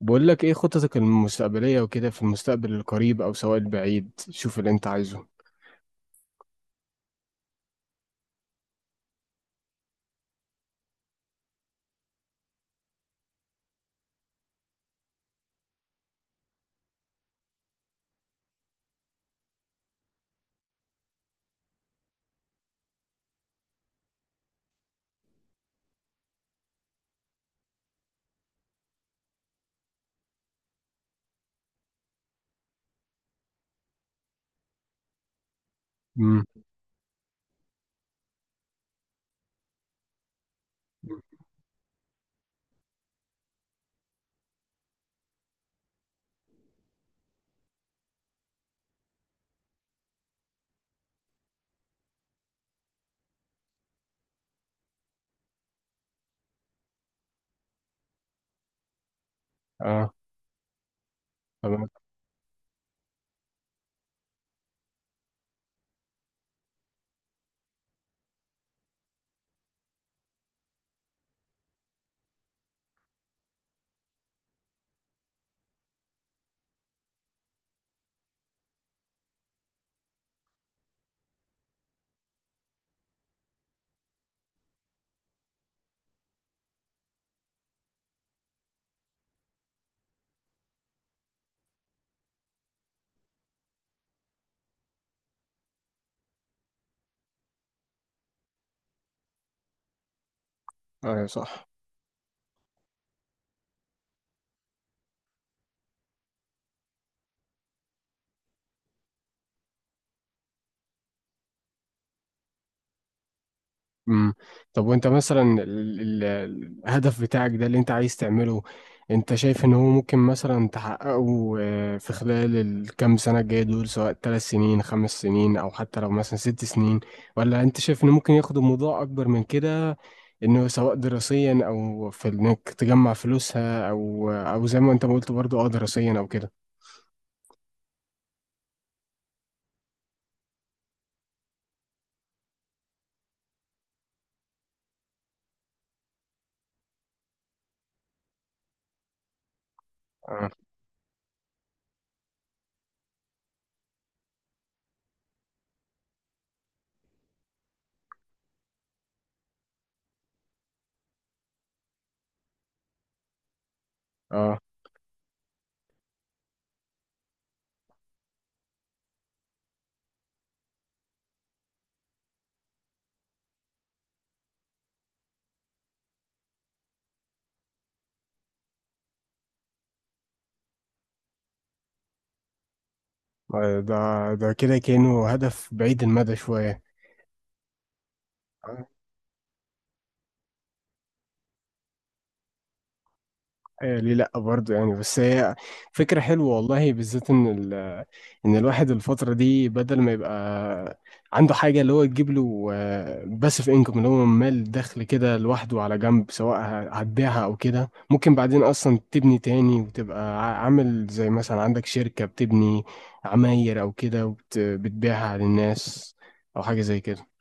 بقول لك ايه خططك المستقبلية وكده، في المستقبل القريب او سواء البعيد. شوف اللي انت عايزه. امم. اه. تمام. اه. صح. امم. طب، وانت مثلا الهدف بتاعك ده اللي انت عايز تعمله، انت شايف ان هو ممكن مثلا تحققه، آه، في خلال الكام سنة الجاية دول؟ سواء 3 سنين، 5 سنين، او حتى لو مثلا 6 سنين؟ ولا انت شايف انه ممكن ياخد الموضوع اكبر من كده، انه سواء دراسيا، او في انك تجمع فلوسها، او زي ما انت ما قلت برضو، اه، دراسيا او كده. اه. اه. آه، ده كده كأنه هدف بعيد المدى شوية. آه. آه، ليه لا برضه يعني؟ بس هي فكرة حلوة والله، بالذات ان ان الواحد الفترة دي بدل ما يبقى عنده حاجة اللي هو تجيب له باسيف انكم، اللي هو مال دخل كده لوحده على جنب، سواء هتبيعها او كده. ممكن بعدين اصلا تبني تاني وتبقى عامل زي مثلا عندك شركة بتبني عماير او كده وبتبيعها للناس، او حاجة زي كده.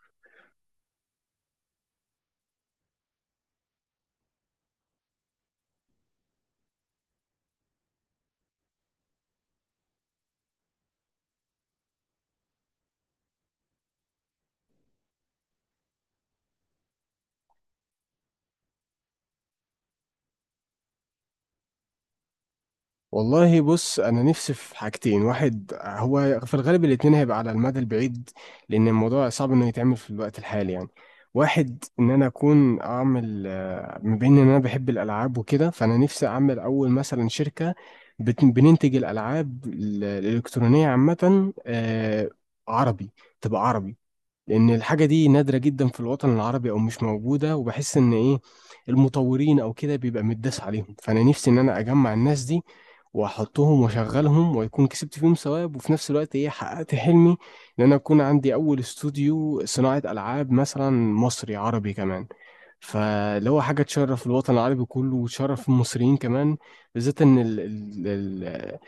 والله بص، انا نفسي في حاجتين. واحد، هو في الغالب الاتنين هيبقى على المدى البعيد لان الموضوع صعب انه يتعمل في الوقت الحالي يعني. واحد، ان انا اكون اعمل، آه، ما بين ان انا بحب الالعاب وكده، فانا نفسي اعمل اول مثلا شركة بننتج الالعاب الالكترونية عامة، آه، عربي. تبقى عربي، لان الحاجه دي نادره جدا في الوطن العربي او مش موجوده. وبحس ان ايه، المطورين او كده بيبقى متداس عليهم، فانا نفسي ان انا اجمع الناس دي واحطهم واشغلهم ويكون كسبت فيهم ثواب، وفي نفس الوقت ايه، حققت حلمي ان انا اكون عندي اول استوديو صناعه العاب مثلا مصري عربي كمان. فاللي هو حاجه تشرف الوطن العربي كله وتشرف المصريين كمان، بالذات ان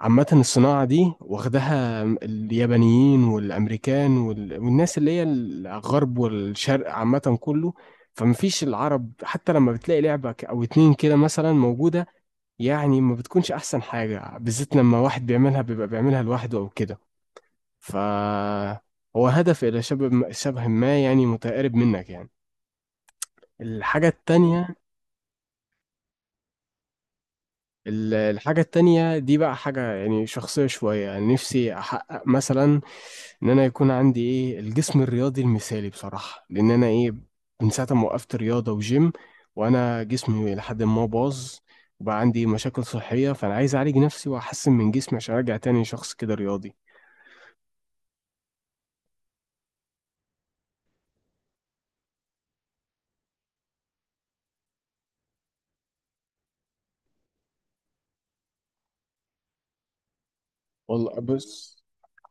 عامة الصناعة دي واخدها اليابانيين والأمريكان والناس اللي هي الغرب والشرق عامة كله. فمفيش العرب، حتى لما بتلاقي لعبة أو اتنين كده مثلا موجودة، يعني ما بتكونش أحسن حاجة، بالذات لما واحد بيعملها بيبقى بيعملها لوحده أو كده. ف هو هدف إلى شبه شبه ما، يعني متقارب منك يعني. الحاجة التانية، الحاجة التانية دي بقى حاجة يعني شخصية شوية. يعني نفسي أحقق مثلا إن أنا يكون عندي إيه، الجسم الرياضي المثالي بصراحة، لأن أنا إيه، من ساعة ما وقفت رياضة وجيم وأنا جسمي لحد ما باظ وبقى عندي مشاكل صحية. فأنا عايز أعالج نفسي وأحسن من جسمي عشان أرجع تاني شخص كده رياضي. والله بص،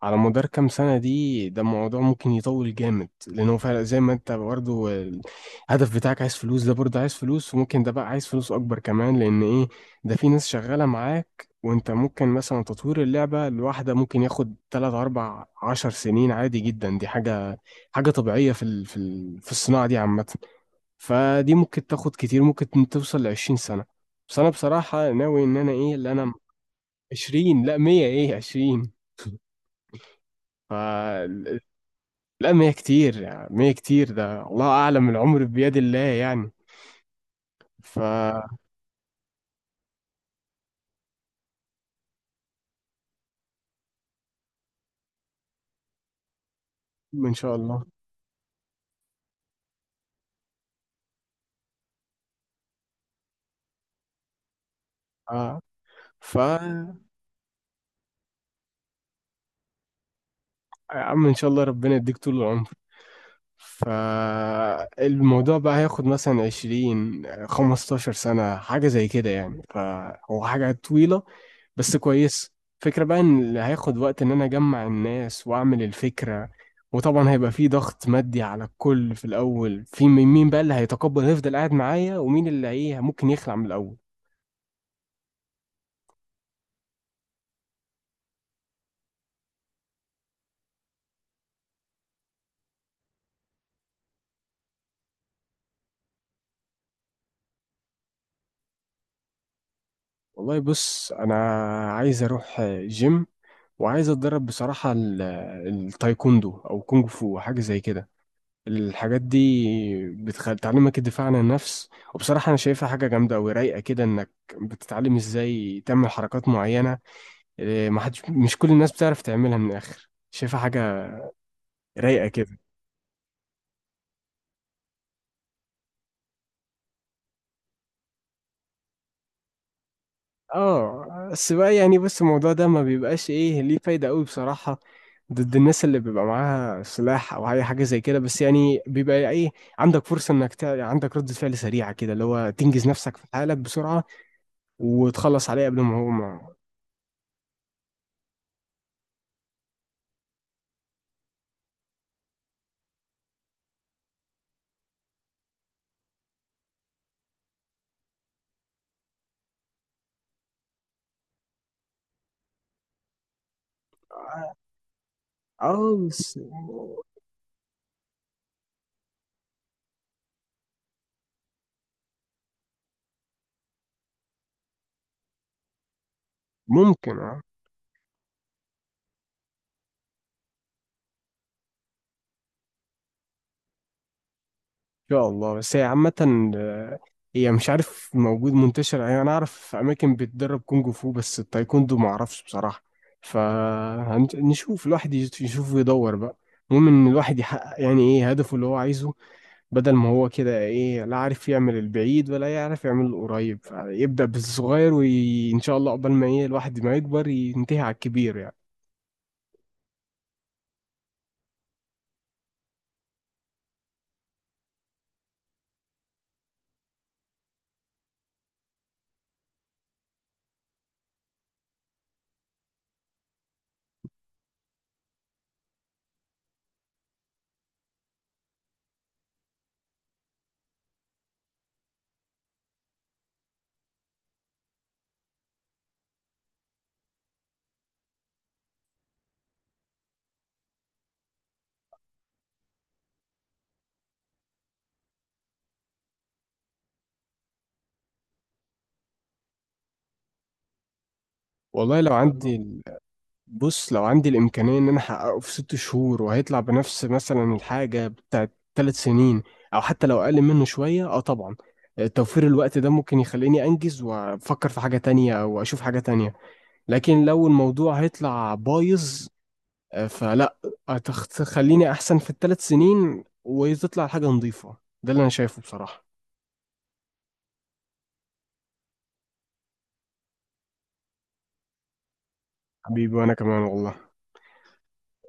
على مدار كام سنة، دي الموضوع ممكن يطول جامد. لأنه فعلا زي ما أنت برضه الهدف بتاعك عايز فلوس، ده برضه عايز فلوس. وممكن ده بقى عايز فلوس أكبر كمان، لأن إيه، ده في ناس شغالة معاك. وأنت ممكن مثلا تطوير اللعبة الواحدة ممكن ياخد تلات أربع عشر سنين عادي جدا. دي حاجة طبيعية في الصناعة دي عامة. فدي ممكن تاخد كتير، ممكن توصل لعشرين سنة. بس أنا بصراحة ناوي إن أنا إيه اللي أنا. 20؟ لا، 100. إيه 20؟ فلا. ما هي كتير يعني، ما هي كتير، ده الله أعلم، العمر بيد الله يعني. ف إن شاء الله. آه. يا عم، إن شاء الله ربنا يديك طول العمر. فالموضوع بقى هياخد مثلا عشرين خمستاشر سنة حاجة زي كده يعني، فهو حاجة طويلة بس كويس. فكرة بقى ان اللي هياخد وقت ان انا اجمع الناس واعمل الفكرة. وطبعا هيبقى في ضغط مادي على الكل في الاول، في مين مين بقى اللي هيتقبل يفضل قاعد معايا ومين اللي ايه ممكن يخلع من الاول. والله بص، انا عايز اروح جيم وعايز اتدرب بصراحة التايكوندو او كونغ فو حاجة زي كده. الحاجات دي بتعلمك الدفاع عن النفس، وبصراحة انا شايفها حاجة جامدة أوي، رايقة كده، انك بتتعلم ازاي تعمل حركات معينة. إيه، ما حدش، مش كل الناس بتعرف تعملها من الاخر. شايفها حاجه رايقه كده. اه بس بقى، يعني بص، الموضوع ده ما بيبقاش ايه ليه فايده قوي بصراحه ضد الناس اللي بيبقى معاها سلاح او اي حاجه زي كده. بس يعني بيبقى ايه، عندك فرصه انك عندك ردة فعل سريعه كده، اللي هو تنجز نفسك في حالك بسرعه وتخلص عليه قبل ما هو ما. اه بس. ممكن، آه. شاء الله، بس هي عامة، آه، هي مش عارف موجود منتشر يعني. أنا أعرف أماكن بتدرب كونج فو، بس التايكوندو معرفش بصراحة. فنشوف، الواحد يشوف ويدور بقى. المهم إن الواحد يحقق يعني إيه، هدفه اللي هو عايزه، بدل ما هو كده إيه، لا عارف يعمل البعيد ولا يعرف يعمل القريب. يبدأ بالصغير، وإن شاء الله قبل ما إيه الواحد ما يكبر ينتهي على الكبير يعني. والله لو إن شاء الله عندي، بص لو عندي الإمكانية إن أنا أحققه في 6 شهور وهيطلع بنفس مثلا الحاجة بتاعت 3 سنين، أو حتى لو أقل منه شوية، أه طبعا، توفير الوقت ده ممكن يخليني أنجز وأفكر في حاجة تانية أو أشوف حاجة تانية. لكن لو الموضوع هيطلع بايظ، آه، فلا، تخليني أحسن في التلات سنين وتطلع حاجة نظيفة. ده اللي أنا شايفه بصراحة. حبيبي، وأنا كمان والله.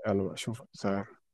يلا بقى، أشوفك. سلام.